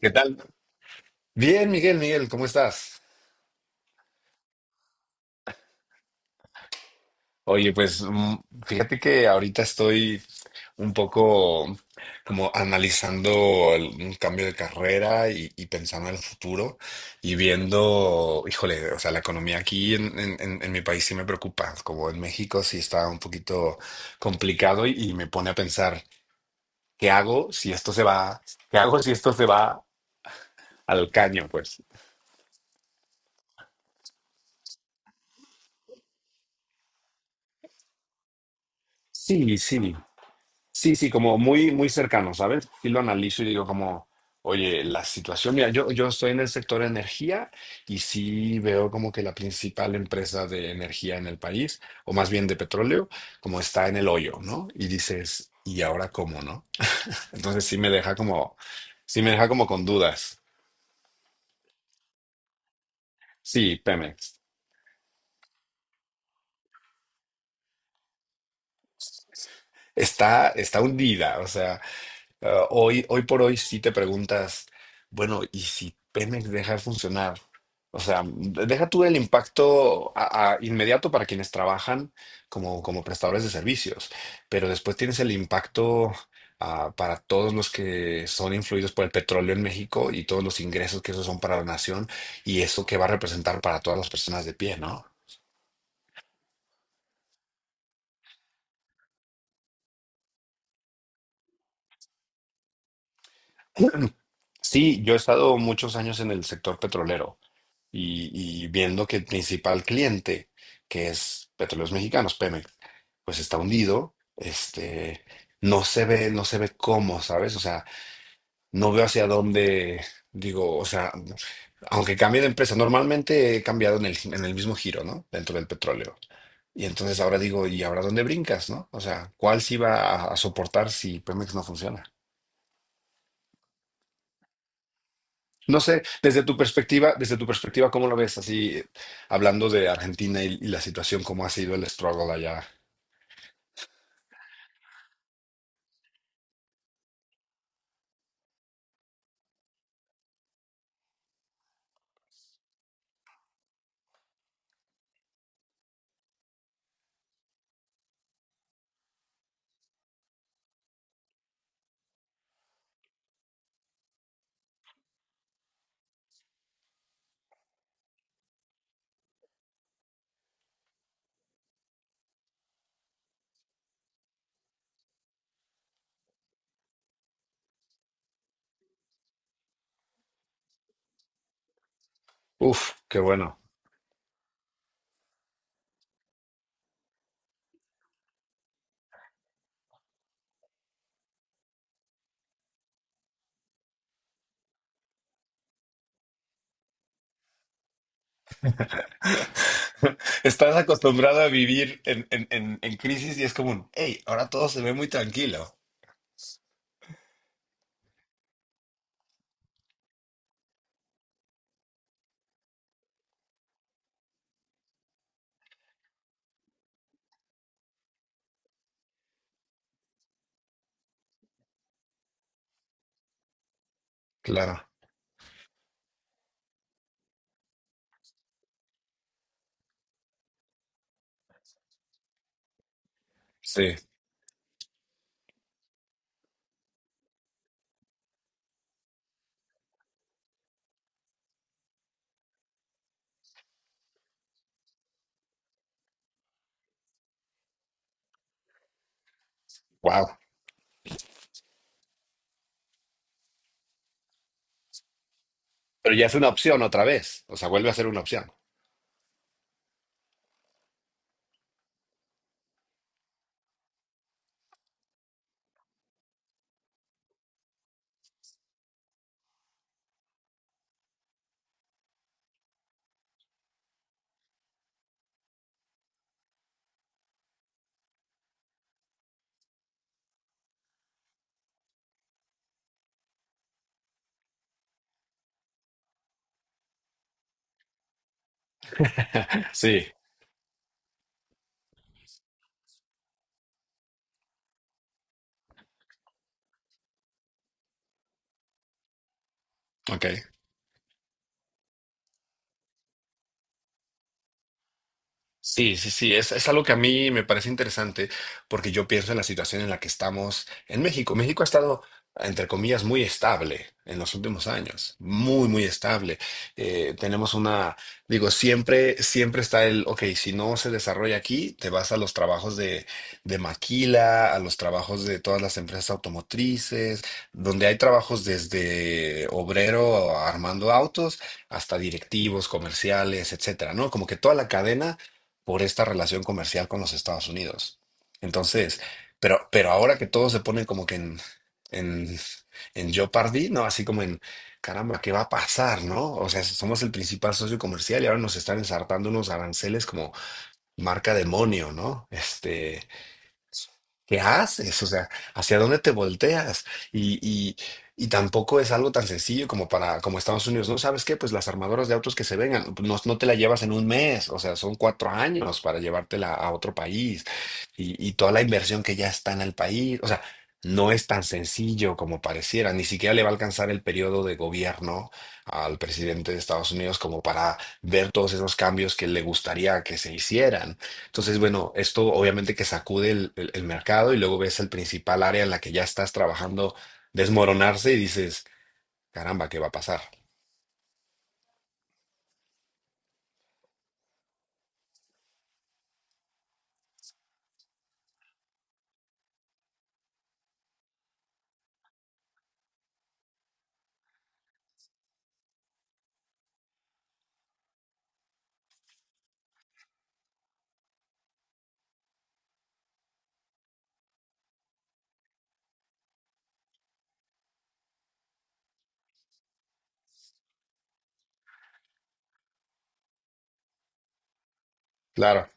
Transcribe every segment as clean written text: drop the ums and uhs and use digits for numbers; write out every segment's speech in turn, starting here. ¿Qué tal? Bien, Miguel, ¿cómo estás? Oye, pues fíjate que ahorita estoy un poco como analizando un cambio de carrera y pensando en el futuro y viendo, híjole, o sea, la economía aquí en mi país sí me preocupa, como en México sí está un poquito complicado y me pone a pensar, ¿qué hago si esto se va? ¿Qué hago si esto se va al caño? Pues sí, sí. Sí, sí, como muy, muy cercano, ¿sabes? Y lo analizo y digo como, oye, la situación, mira, yo estoy en el sector energía y sí veo como que la principal empresa de energía en el país, o más bien de petróleo, como está en el hoyo, ¿no? Y dices, ¿y ahora cómo, no? Entonces sí me deja como, sí me deja como con dudas. Sí, Pemex. Está, está hundida, o sea. Ah, hoy, hoy por hoy si te preguntas, bueno, ¿y si Pemex deja de funcionar? O sea, deja tú el impacto a inmediato para quienes trabajan como, como prestadores de servicios, pero después tienes el impacto ah, para todos los que son influidos por el petróleo en México y todos los ingresos que esos son para la nación y eso que va a representar para todas las personas de pie, ¿no? Sí, yo he estado muchos años en el sector petrolero y viendo que el principal cliente, que es Petróleos Mexicanos, Pemex, pues está hundido, este, no se ve, no se ve cómo, ¿sabes? O sea, no veo hacia dónde, digo, o sea, aunque cambie de empresa, normalmente he cambiado en el mismo giro, ¿no? Dentro del petróleo. Y entonces ahora digo, ¿y ahora dónde brincas, no? O sea, ¿cuál sí va a soportar si Pemex no funciona? No sé, desde tu perspectiva, ¿cómo lo ves? Así, hablando de Argentina y la situación, ¿cómo ha sido el struggle allá? Uf, qué bueno. Estás acostumbrado a vivir en crisis y es como un, hey, ahora todo se ve muy tranquilo. Claro. Sí. Wow. Pero ya es una opción otra vez. O sea, vuelve a ser una opción. Sí. Ok. Sí, sí, sí, es algo que a mí me parece interesante porque yo pienso en la situación en la que estamos en México. México ha estado, entre comillas, muy estable en los últimos años, muy, muy estable. Tenemos una, digo, siempre, siempre está el, ok, si no se desarrolla aquí, te vas a los trabajos de maquila, a los trabajos de todas las empresas automotrices, donde hay trabajos desde obrero armando autos hasta directivos, comerciales, etcétera, ¿no? Como que toda la cadena por esta relación comercial con los Estados Unidos. Entonces, pero ahora que todos se ponen como que en, en jeopardy, ¿no? Así como en, caramba, ¿qué va a pasar, no? O sea, somos el principal socio comercial y ahora nos están ensartando unos aranceles como marca demonio, ¿no? Este, ¿qué haces? O sea, ¿hacia dónde te volteas? Y, y, y tampoco es algo tan sencillo como para, como Estados Unidos, ¿no? ¿Sabes qué? Pues las armadoras de autos que se vengan, no, no te la llevas en un mes, o sea, son cuatro años para llevártela a otro país y toda la inversión que ya está en el país, o sea, no es tan sencillo como pareciera, ni siquiera le va a alcanzar el periodo de gobierno al presidente de Estados Unidos como para ver todos esos cambios que le gustaría que se hicieran. Entonces, bueno, esto obviamente que sacude el, el mercado y luego ves el principal área en la que ya estás trabajando desmoronarse y dices, caramba, ¿qué va a pasar? Claro.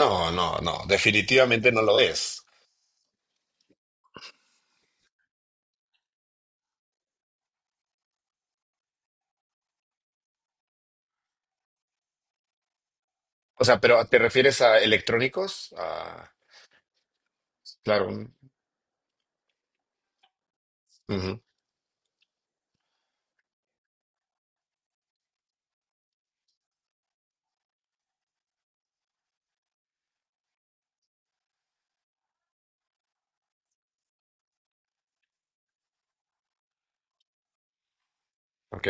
No, no, no, definitivamente no lo es. O sea, pero ¿te refieres a electrónicos? A- claro, un- ujú, ok.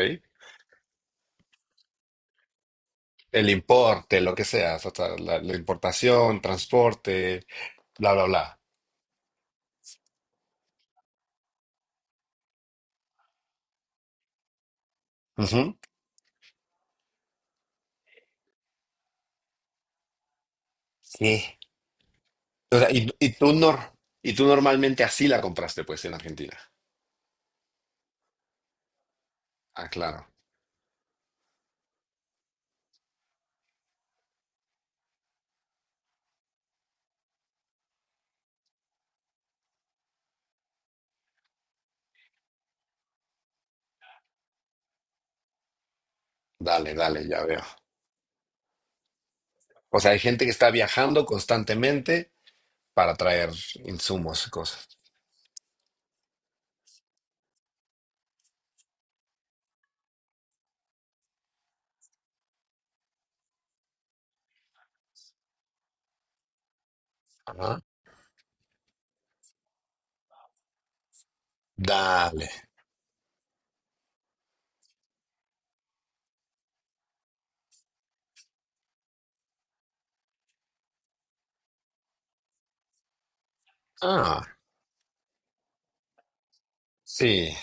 El importe, lo que sea, hasta la, la importación, transporte, bla, bla, bla. Ujú. Sí. O sea, y tú nor- y tú normalmente así la compraste, pues, en Argentina. Ah, claro. Dale, dale, ya veo. O sea, hay gente que está viajando constantemente para traer insumos y cosas. Ajá. Dale. Ah, sí.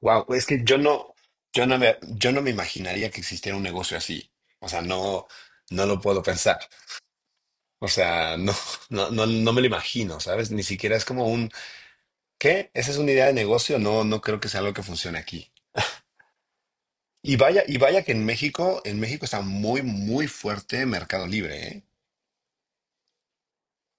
Wow, es que yo no, yo no me imaginaría que existiera un negocio así. O sea, no, no lo puedo pensar. O sea, no, no, no, no me lo imagino, ¿sabes? Ni siquiera es como un, ¿qué? ¿Esa es una idea de negocio? No, no creo que sea algo que funcione aquí. Y vaya que en México está muy, muy fuerte Mercado Libre, ¿eh?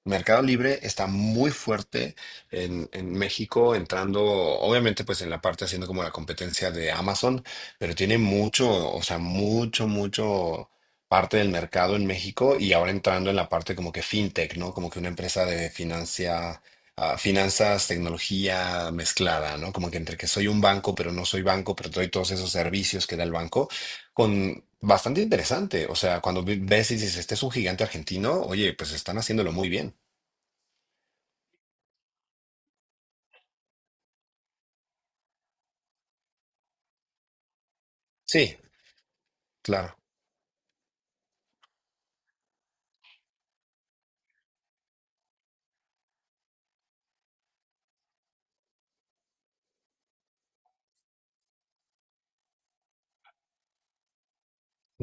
Mercado Libre está muy fuerte en México, entrando, obviamente, pues en la parte haciendo como la competencia de Amazon, pero tiene mucho, o sea, mucho, mucho parte del mercado en México y ahora entrando en la parte como que fintech, ¿no? Como que una empresa de financia, ah, finanzas, tecnología mezclada, ¿no? Como que entre que soy un banco, pero no soy banco, pero doy todos esos servicios que da el banco, con bastante interesante. O sea, cuando ves y dices, este es un gigante argentino, oye, pues están haciéndolo muy bien. Sí, claro.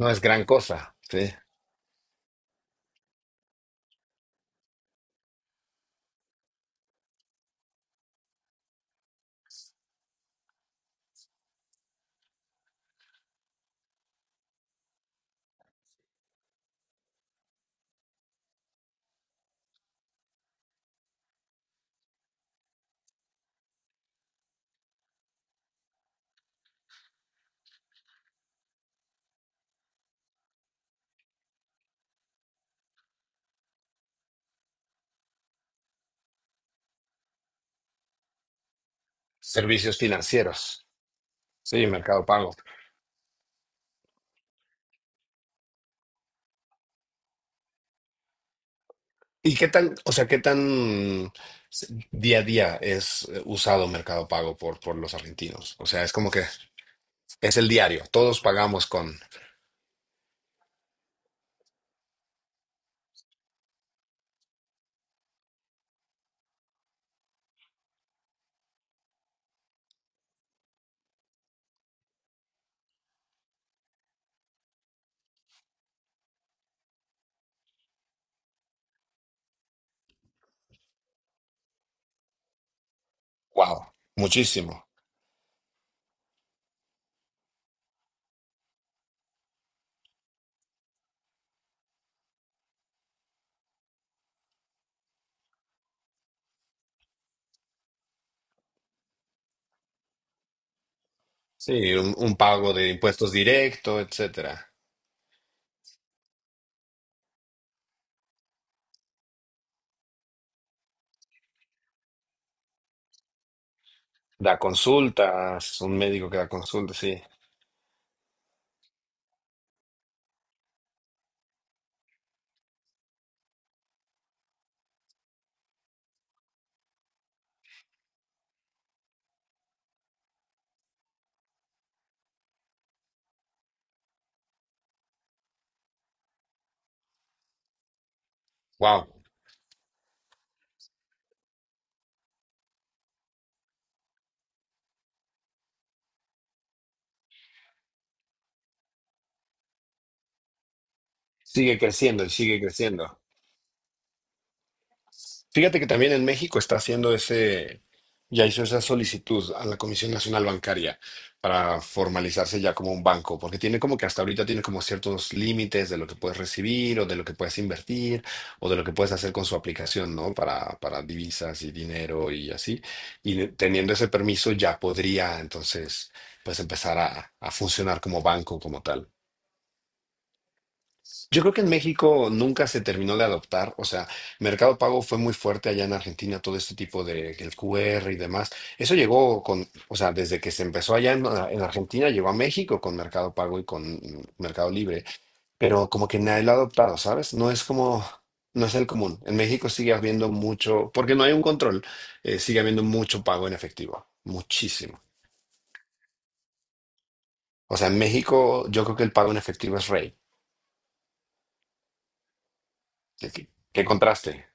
No es gran cosa, sí. Servicios financieros, sí, Mercado Pago. ¿Y qué tan, o sea, qué tan día a día es usado Mercado Pago por los argentinos? O sea, es como que es el diario. Todos pagamos con, wow, muchísimo. Sí, un pago de impuestos directo, etcétera. Da consultas, un médico que da consultas, sí. Wow, sigue creciendo y sigue creciendo. Fíjate que también en México está haciendo ese, ya hizo esa solicitud a la Comisión Nacional Bancaria para formalizarse ya como un banco, porque tiene como que hasta ahorita tiene como ciertos límites de lo que puedes recibir o de lo que puedes invertir o de lo que puedes hacer con su aplicación, ¿no? Para divisas y dinero y así. Y teniendo ese permiso ya podría entonces pues empezar a funcionar como banco como tal. Yo creo que en México nunca se terminó de adoptar, o sea, Mercado Pago fue muy fuerte allá en Argentina, todo este tipo de el QR y demás. Eso llegó con, o sea, desde que se empezó allá en Argentina, llegó a México con Mercado Pago y con Mercado Libre, pero como que nadie lo ha adoptado, ¿sabes? No es como, no es el común. En México sigue habiendo mucho, porque no hay un control, sigue habiendo mucho pago en efectivo, muchísimo. O sea, en México yo creo que el pago en efectivo es rey. ¿Qué, qué contraste?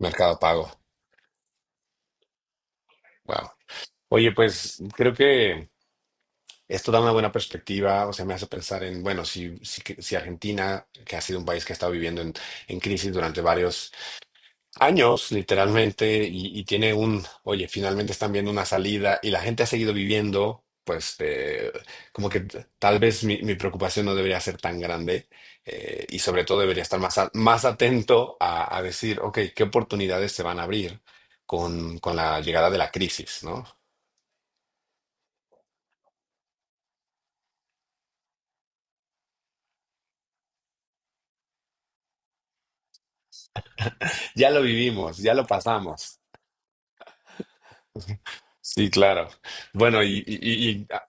Mercado Pago. Wow. Oye, pues creo que esto da una buena perspectiva, o sea, me hace pensar en, bueno, si, si, si Argentina, que ha sido un país que ha estado viviendo en crisis durante varios años, literalmente, y tiene un, oye, finalmente están viendo una salida y la gente ha seguido viviendo, pues como que t- tal vez mi, mi preocupación no debería ser tan grande y sobre todo debería estar más, a- más atento a decir, ok, ¿qué oportunidades se van a abrir con la llegada de la crisis, ¿no? Ya lo vivimos, ya lo pasamos. Sí, claro. Bueno, ah,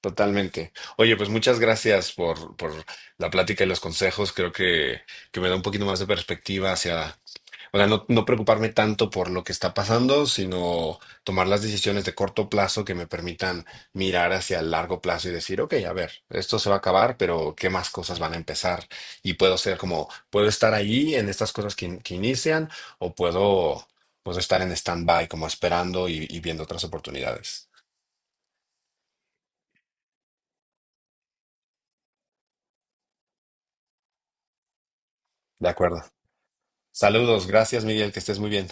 totalmente. Oye, pues muchas gracias por la plática y los consejos. Creo que me da un poquito más de perspectiva hacia. O sea, no, no preocuparme tanto por lo que está pasando, sino tomar las decisiones de corto plazo que me permitan mirar hacia el largo plazo y decir, ok, a ver, esto se va a acabar, pero ¿qué más cosas van a empezar? Y puedo ser como, puedo estar ahí en estas cosas que, in- que inician o puedo, puedo estar en stand-by como esperando y viendo otras oportunidades. De acuerdo. Saludos, gracias Miguel, que estés muy bien.